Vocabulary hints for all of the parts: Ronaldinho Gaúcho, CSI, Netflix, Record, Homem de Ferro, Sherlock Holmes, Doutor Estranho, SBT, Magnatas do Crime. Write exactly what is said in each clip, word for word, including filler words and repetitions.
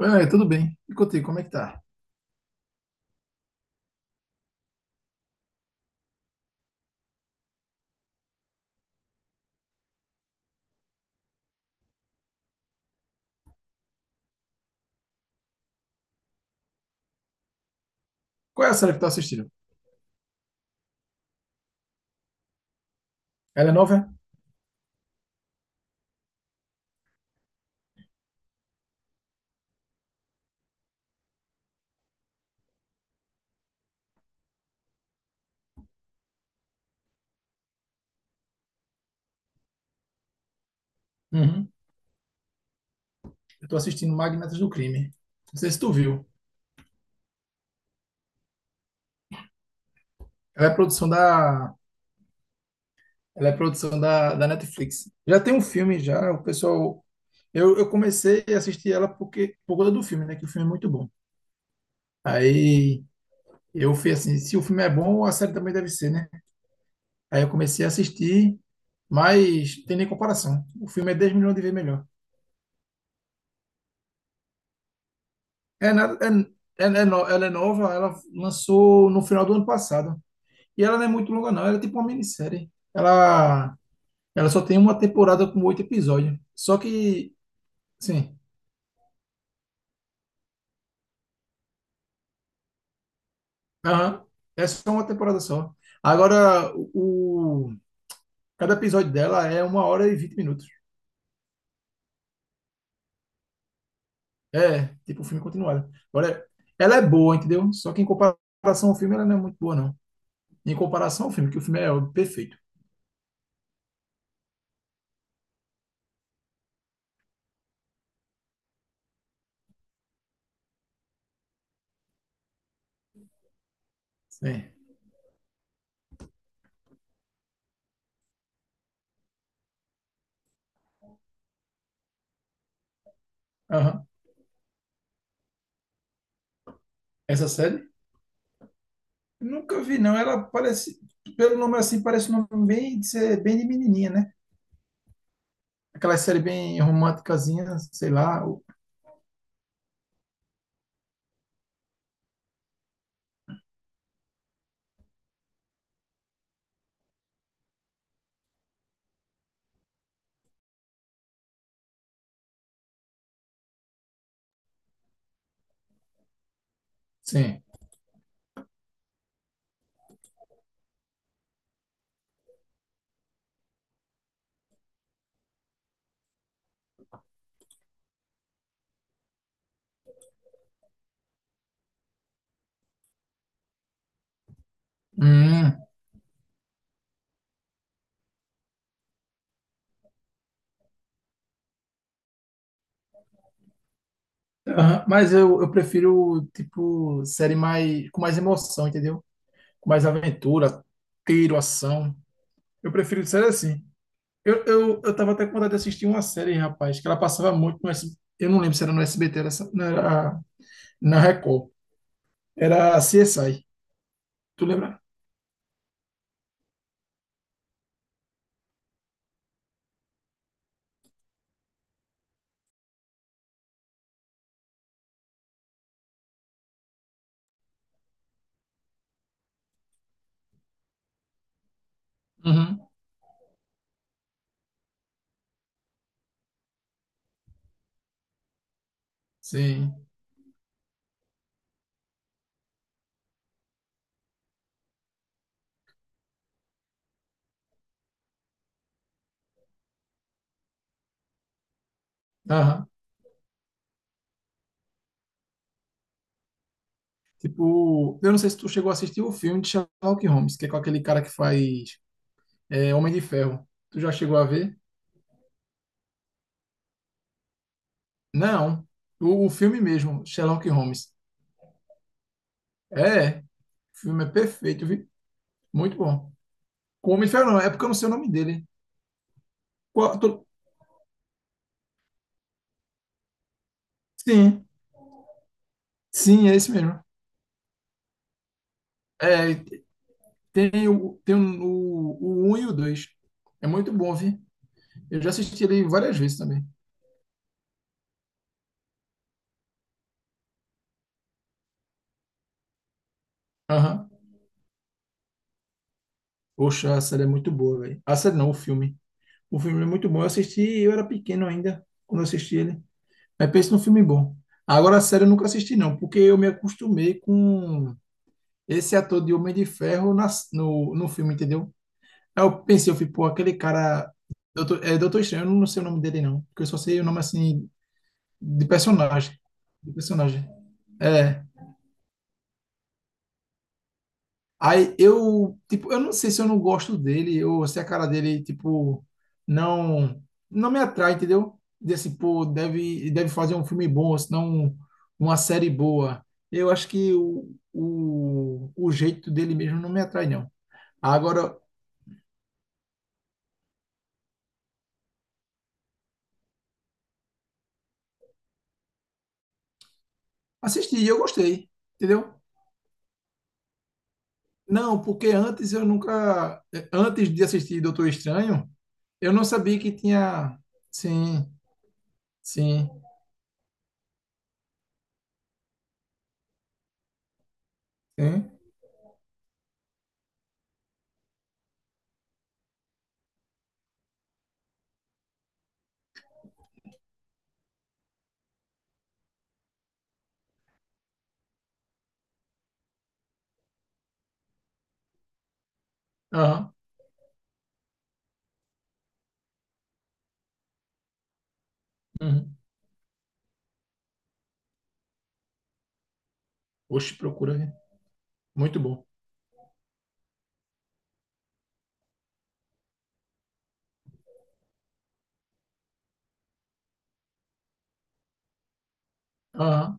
É, tudo bem. E contigo, como é que tá? Qual é a série que tu tá assistindo? Ela é nova? É? Uhum. Eu tô assistindo Magnatas do Crime. Não sei se tu viu. Ela é produção da, ela é produção da, da Netflix. Já tem um filme já, o pessoal. Eu, eu comecei a assistir ela porque por conta do filme, né? Que o filme é muito bom. Aí eu fui assim, se o filme é bom, a série também deve ser, né? Aí eu comecei a assistir, mas tem nem comparação. O filme é dez milhões de vezes melhor. É nada, é, é, é no- ela é nova, ela lançou no final do ano passado. E ela não é muito longa, não. Ela é tipo uma minissérie. Ela, ela só tem uma temporada com oito episódios. Só que, sim, aham, é só uma temporada só. Agora, o, o- cada episódio dela é uma hora e vinte minutos. É, tipo um filme continuado. Agora, ela é boa, entendeu? Só que em comparação ao filme, ela não é muito boa, não. Em comparação ao filme, que o filme é perfeito. Sim. Aham. Essa série? Nunca vi, não. Ela parece, pelo nome assim, parece um nome bem de, ser- bem de menininha, né? Aquela série bem românticazinha, sei lá. o- Sim. Hum. Aham, mas eu, eu prefiro, tipo, série mais, com mais emoção, entendeu? Com mais aventura, tiro, ação. Eu prefiro série assim. Eu, eu, eu tava até com vontade de assistir uma série, rapaz, que ela passava muito no S B T. Eu não lembro se era no S B T, era, essa- não era na Record. Era C S I. Tu lembra? Uhum. Sim. Aham. Tipo, eu não sei se tu chegou a assistir o filme de Sherlock Holmes, que é com aquele cara que faz é Homem de Ferro. Tu já chegou a ver? Não. O, o filme mesmo, Sherlock Holmes. É, o filme é perfeito, viu? Muito bom. Com o Homem de Ferro não, é porque eu não sei o nome dele. Qual- tu- Sim, sim, é esse mesmo. É, tem o, tem um, o, o um e o dois. É muito bom, viu? Eu já assisti ele várias vezes também. Aham. Poxa, a série é muito boa, velho. A série não, o filme. O filme é muito bom. Eu assisti, eu era pequeno ainda, quando eu assisti ele. Mas pensa num filme bom. Agora, sério, eu nunca assisti, não, porque eu me acostumei com esse ator de Homem de Ferro na, no, no filme, entendeu? Aí eu pensei, eu fui, pô, aquele cara. Doutor, é Doutor Estranho, eu não sei o nome dele, não. Porque eu só sei o nome, assim, de personagem. De personagem. É. Aí eu, tipo, eu não sei se eu não gosto dele ou se a cara dele, tipo, não não me atrai, entendeu? Desse, pô, deve, deve fazer um filme bom, ou senão uma série boa. Eu acho que o, o, o jeito dele mesmo não me atrai, não. Agora, assisti e eu gostei, entendeu? Não, porque antes eu nunca, antes de assistir Doutor Estranho, eu não sabia que tinha. Sim, sim, sim. Aham. Uhum. Oxe, procura, viu? Muito bom. Ah,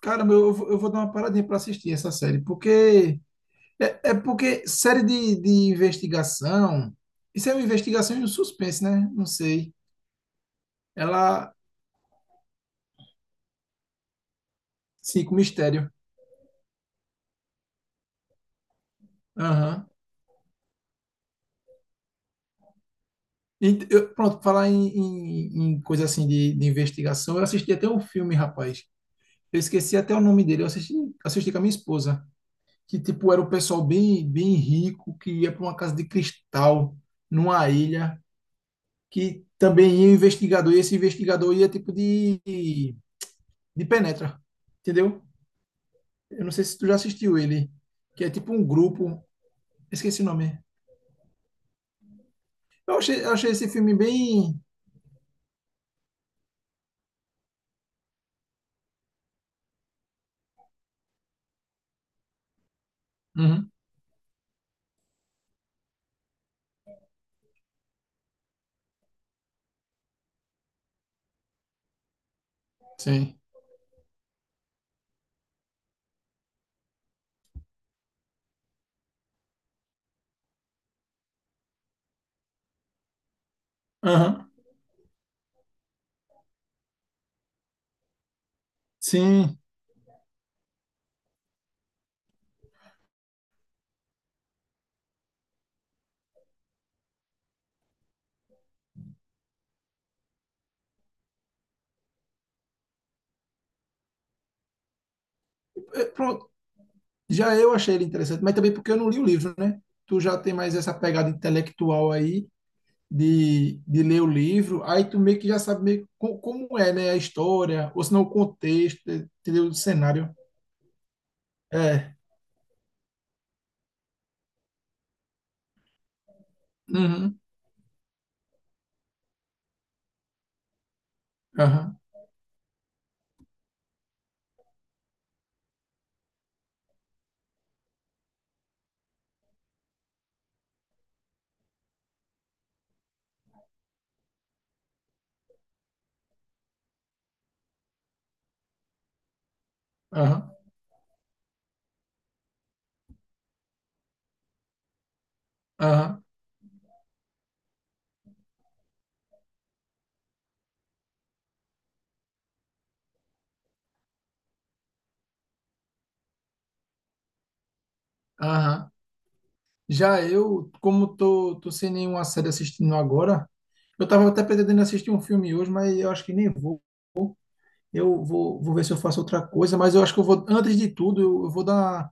caramba, eu, eu vou eu vou dar uma paradinha para assistir essa série, porque é, é porque série de, de investigação, isso é uma investigação e um suspense, né? Não sei. Ela, sim, com mistério. Aham. E eu- pronto, falar em, em, em coisa assim de, de investigação, eu assisti até um filme, rapaz. Eu esqueci até o nome dele, eu assisti, assisti com a minha esposa, que tipo era um pessoal bem, bem rico que ia para uma casa de cristal numa ilha, que também ia o investigador, e esse investigador ia tipo de, de penetra, entendeu? Eu não sei se tu já assistiu ele, que é tipo um grupo, esqueci o nome. Eu achei, eu achei esse filme bem. Uhum, sim. Aham, sim. É, pronto, já eu achei ele interessante, mas também porque eu não li o livro, né? Tu já tem mais essa pegada intelectual aí de, de ler o livro, aí tu meio que já sabe meio co- como é, né? A história, ou se não o contexto, entendeu? O cenário. É. Uhum. Aham. Aham, aham, aham. Já eu, como tô, tô sem nenhuma série assistindo agora, eu tava até pretendendo assistir um filme hoje, mas eu acho que nem vou. Eu vou, vou ver se eu faço outra coisa, mas eu acho que eu vou, antes de tudo, eu, eu vou dar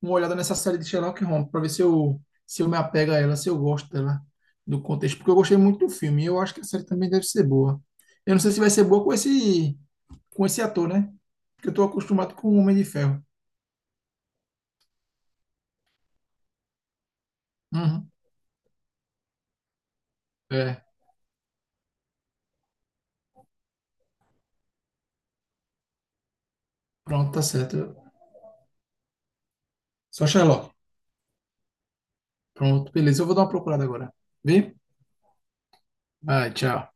uma olhada nessa série de Sherlock Holmes, para ver se eu, se eu me apego a ela, se eu gosto dela, do contexto, porque eu gostei muito do filme, e eu acho que a série também deve ser boa. Eu não sei se vai ser boa com esse, com esse ator, né? Porque eu tô acostumado com o Homem de Ferro. Uhum. É, pronto, tá certo. Só Sherlock. Pronto, beleza. Eu vou dar uma procurada agora. Vê? Vai, tchau.